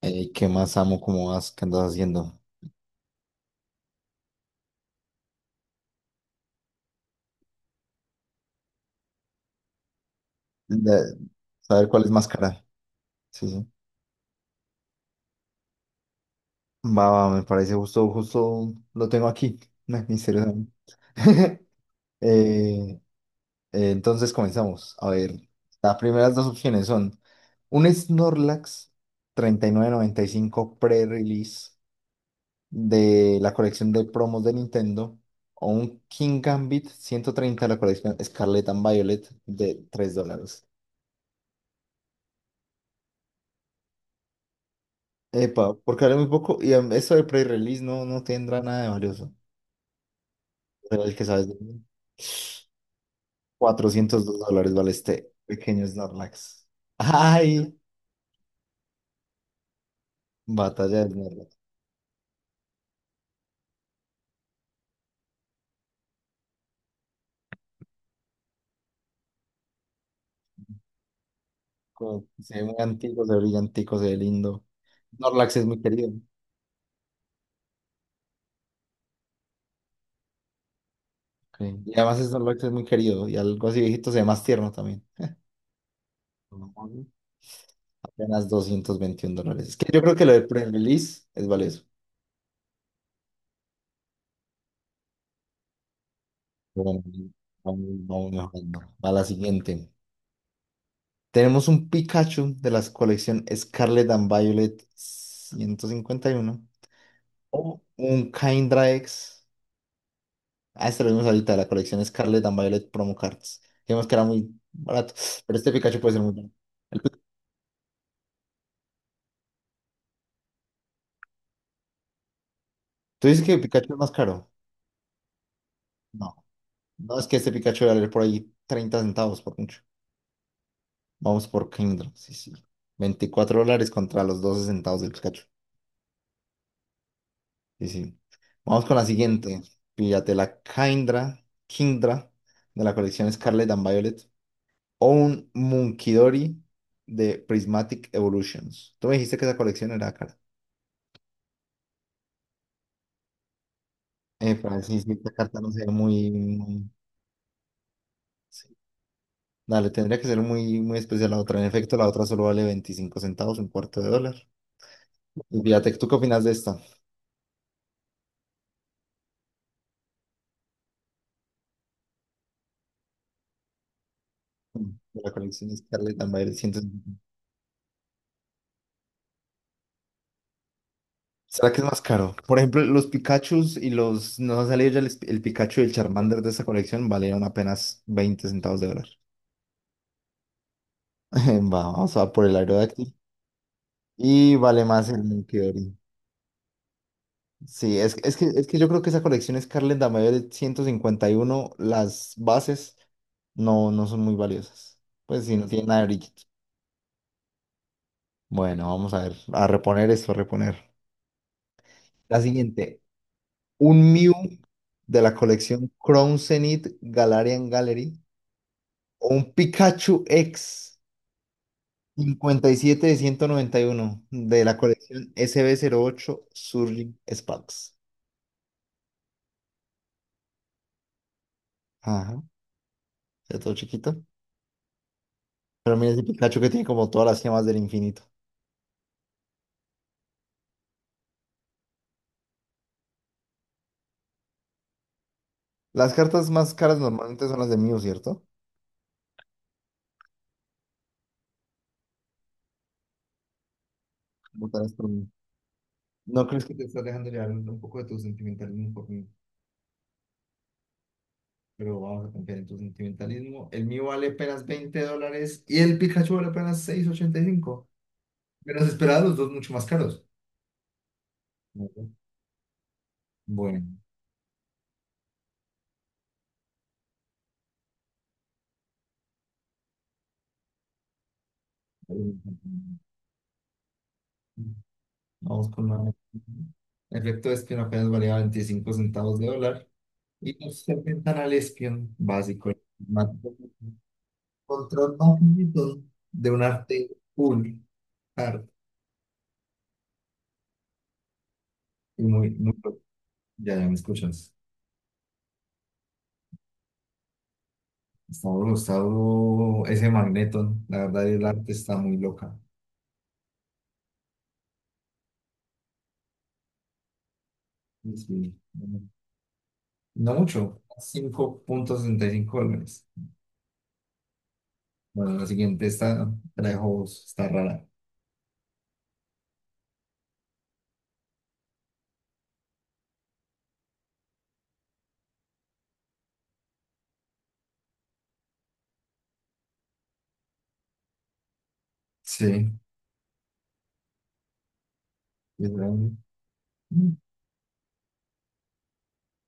Ey, ¿qué más amo? ¿Cómo vas? ¿Qué andas haciendo? De- Saber cuál es más cara. Sí, sí. Va, va, me parece justo, justo lo tengo aquí. Misterio. Eh, entonces comenzamos. A ver, las primeras dos opciones son un Snorlax treinta y nueve noventa y cinco pre-release de la colección de promos de Nintendo o un King Gambit 130 de la colección Scarlet and Violet de $3. Epa, porque vale muy poco. Y eso de pre-release no, no tendrá nada de valioso. Pero el que sabes de mí, $402 vale este pequeño Snorlax. ¡Ay! Batalla de Snorlax. Se ve muy antiguo, se ve brillantico, se ve lindo. Snorlax es muy querido. Ok. Y además Snorlax es muy querido. Y algo así viejito se ve más tierno también. Ujú. Apenas $221. Es que yo creo que lo de pre-release es valioso. Pero bueno, vamos, vamos mejorando. Va a la siguiente. Tenemos un Pikachu de la colección Scarlet and Violet 151 o un Caindrax. Ah, este lo vimos ahorita, de la colección Scarlet and Violet Promo Cards. Vimos que era muy barato, pero este Pikachu puede ser muy bueno. El Pi- ¿Tú dices que el Pikachu es más caro? No, no es que este Pikachu va a valer por ahí 30 centavos por mucho. Vamos por Caindrax, sí, sí. $24 contra los 12 centavos del Pikachu. Sí, sí. Vamos con la siguiente. Píllate la Kindra, Kindra de la colección Scarlet and Violet o un Munkidori de Prismatic Evolutions. Tú me dijiste que esa colección era cara. Pero sí, sí, esta carta no se ve sí. Dale, tendría que ser muy, muy especial la otra. En efecto, la otra solo vale 25 centavos, un cuarto de dólar. Y fíjate, ¿tú qué opinas de esta? De la colección Scarlet and Violet. ¿Será que es más caro? Por ejemplo, los Pikachus y los... Nos ha salido ya el Pikachu y el Charmander de esta colección valieron apenas 20 centavos de dólar. Vamos a por el Aerodactyl. Y vale más el Meteor. Sí, es que yo creo que esa colección Scarlet Damayo de 151 las bases no, no son muy valiosas. Pues sí, no tienen nada de brillo. Bueno, vamos a ver, a reponer esto, a reponer. La siguiente, un Mew de la colección Crown Zenith Galarian Gallery. O un Pikachu X 57 de 191 de la colección SB8 Surging Sparks. Ajá, está todo chiquito. Pero mira ese Pikachu que tiene como todas las gemas del infinito. Las cartas más caras normalmente son las de Mew, ¿cierto? Votarás por mí. ¿No crees que te estás dejando llevar un poco de tu sentimentalismo por mí? Pero vamos a confiar en tu sentimentalismo. El mío vale apenas $20 y el Pikachu vale apenas 6.85. Menos esperados, los dos mucho más caros. Bueno. Bueno. Vamos con una... Efecto espion apenas valía 25 centavos de dólar. Y nos presentan al espion básico, el matemático, control magnitud de un arte full art, y muy, muy, ya, ya me escuchas. Está duro ese Magneton. La verdad, el arte está muy loca. Sí, sí. No mucho, $5.65. Bueno, la siguiente está, trajo, está rara. Sí, es grande.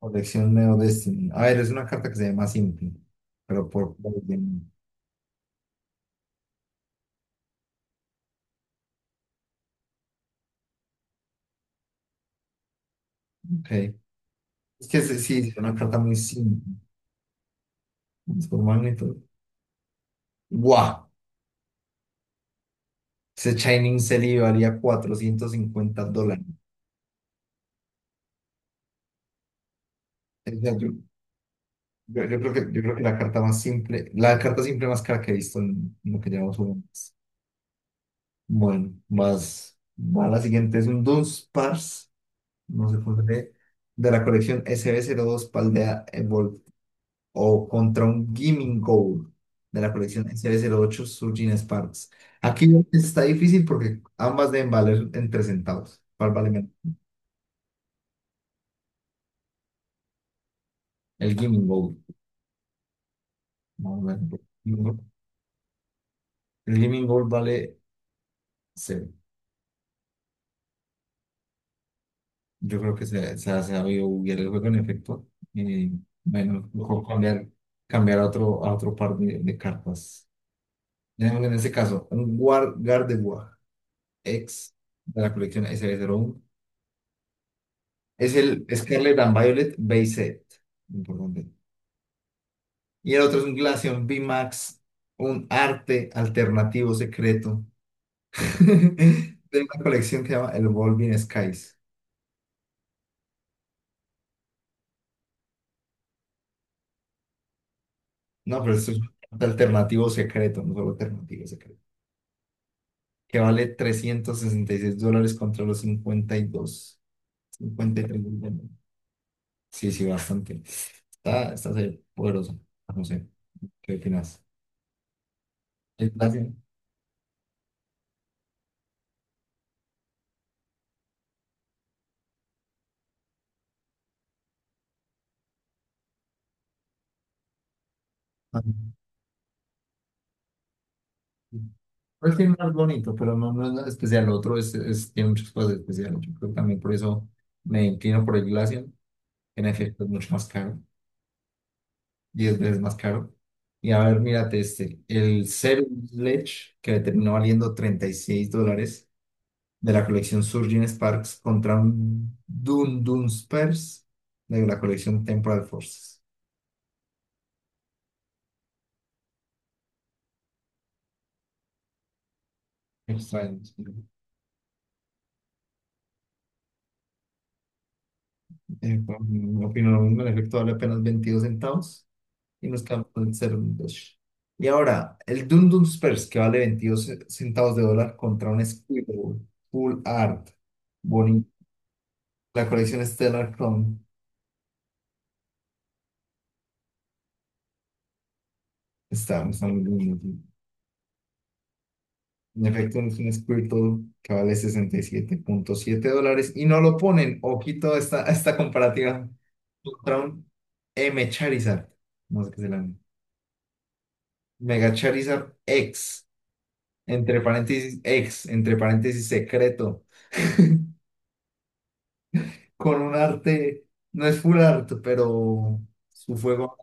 Colección Neo Destiny. A ver, es una carta que se llama Simple, pero ok. Es que sí, sí, es una carta muy simple. Es por magnitud. ¡Guau! Ese Shining Selly valía $450. O sea, yo creo que, yo creo que la carta más simple, la carta simple más cara que he visto en lo que llevamos jugando. Bueno, más, va la siguiente, es un Dunsparce, no sé por qué, de la colección SB2 Paldea o contra un Gimmin Gold de la colección SB08 Surgeon Sparks. Aquí está difícil porque ambas deben valer entre centavos. ¿Cuál vale menos? El Gimmin Gold. Vamos a ver. El Gimmin Gold vale cero. Yo creo que se ha sabido buguear el juego en efecto. Eh, bueno, mejor cambiar, cambiar a otro par de cartas. Tenemos en este caso un War Gardevoir X de la colección SB01. Es el Scarlet and Violet Base Set. Importante. Y el otro es un Glaceon VMAX, un arte alternativo secreto de una colección que se llama El Evolving Skies. No, pero esto es un arte alternativo secreto, no solo alternativo secreto. Que vale $366 contra los 52, $53. Sí, sí, bastante. Está, está serio, poderoso. No sé, ¿qué opinas? El Glaceon. Ajá. Pues sí, más bonito, pero no, no es nada especial. Lo otro es- Tiene muchas cosas especiales. Yo creo que también por eso me inclino por el Glacian. En efecto, es mucho más caro, 10 veces más caro. Y a ver, mírate este, el Zero Ledge, que le terminó valiendo $36, de la colección Surging Sparks contra un Dun Dun Spurs de la colección Temporal Forces. Extraño. Sí. Bueno, opino lo mismo, en efecto, vale apenas 22 centavos. Y nos quedamos en 0,2. Y ahora, el Dun Dun Spurs, que vale 22 centavos de dólar contra un Scribble, Full Art, bonito. La colección Stellar Chrome está, está muy bonito. En efecto, es un Squirtle que vale $67.7 y no lo ponen. Ojito a esta comparativa contra un M Charizard. No sé qué se llama. Mega Charizard X, entre paréntesis secreto. Con un arte, no es full art, pero su fuego.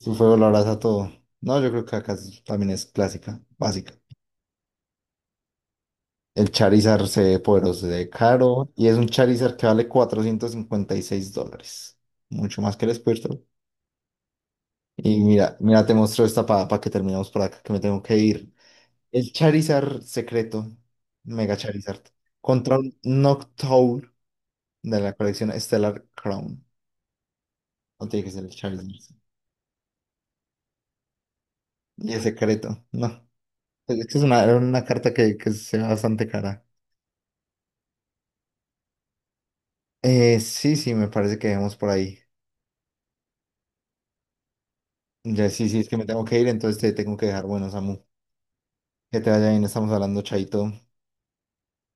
Su fuego lo abraza todo. No, yo creo que también es clásica, básica. El Charizard se ve poderoso, se ve caro. Y es un Charizard que vale $456. Mucho más que el Squirtle. Y mira, mira, te muestro esta para que terminemos por acá, que me tengo que ir. El Charizard secreto, Mega Charizard, contra un Noctowl de la colección Stellar Crown. No, tiene que ser el Charizard. Y es secreto. No. Era una carta que sea bastante cara. Sí, sí, me parece que dejemos por ahí. Ya, sí, sí, es que me tengo que ir, entonces te tengo que dejar. Bueno, Samu, que te vaya bien, estamos hablando, chaito.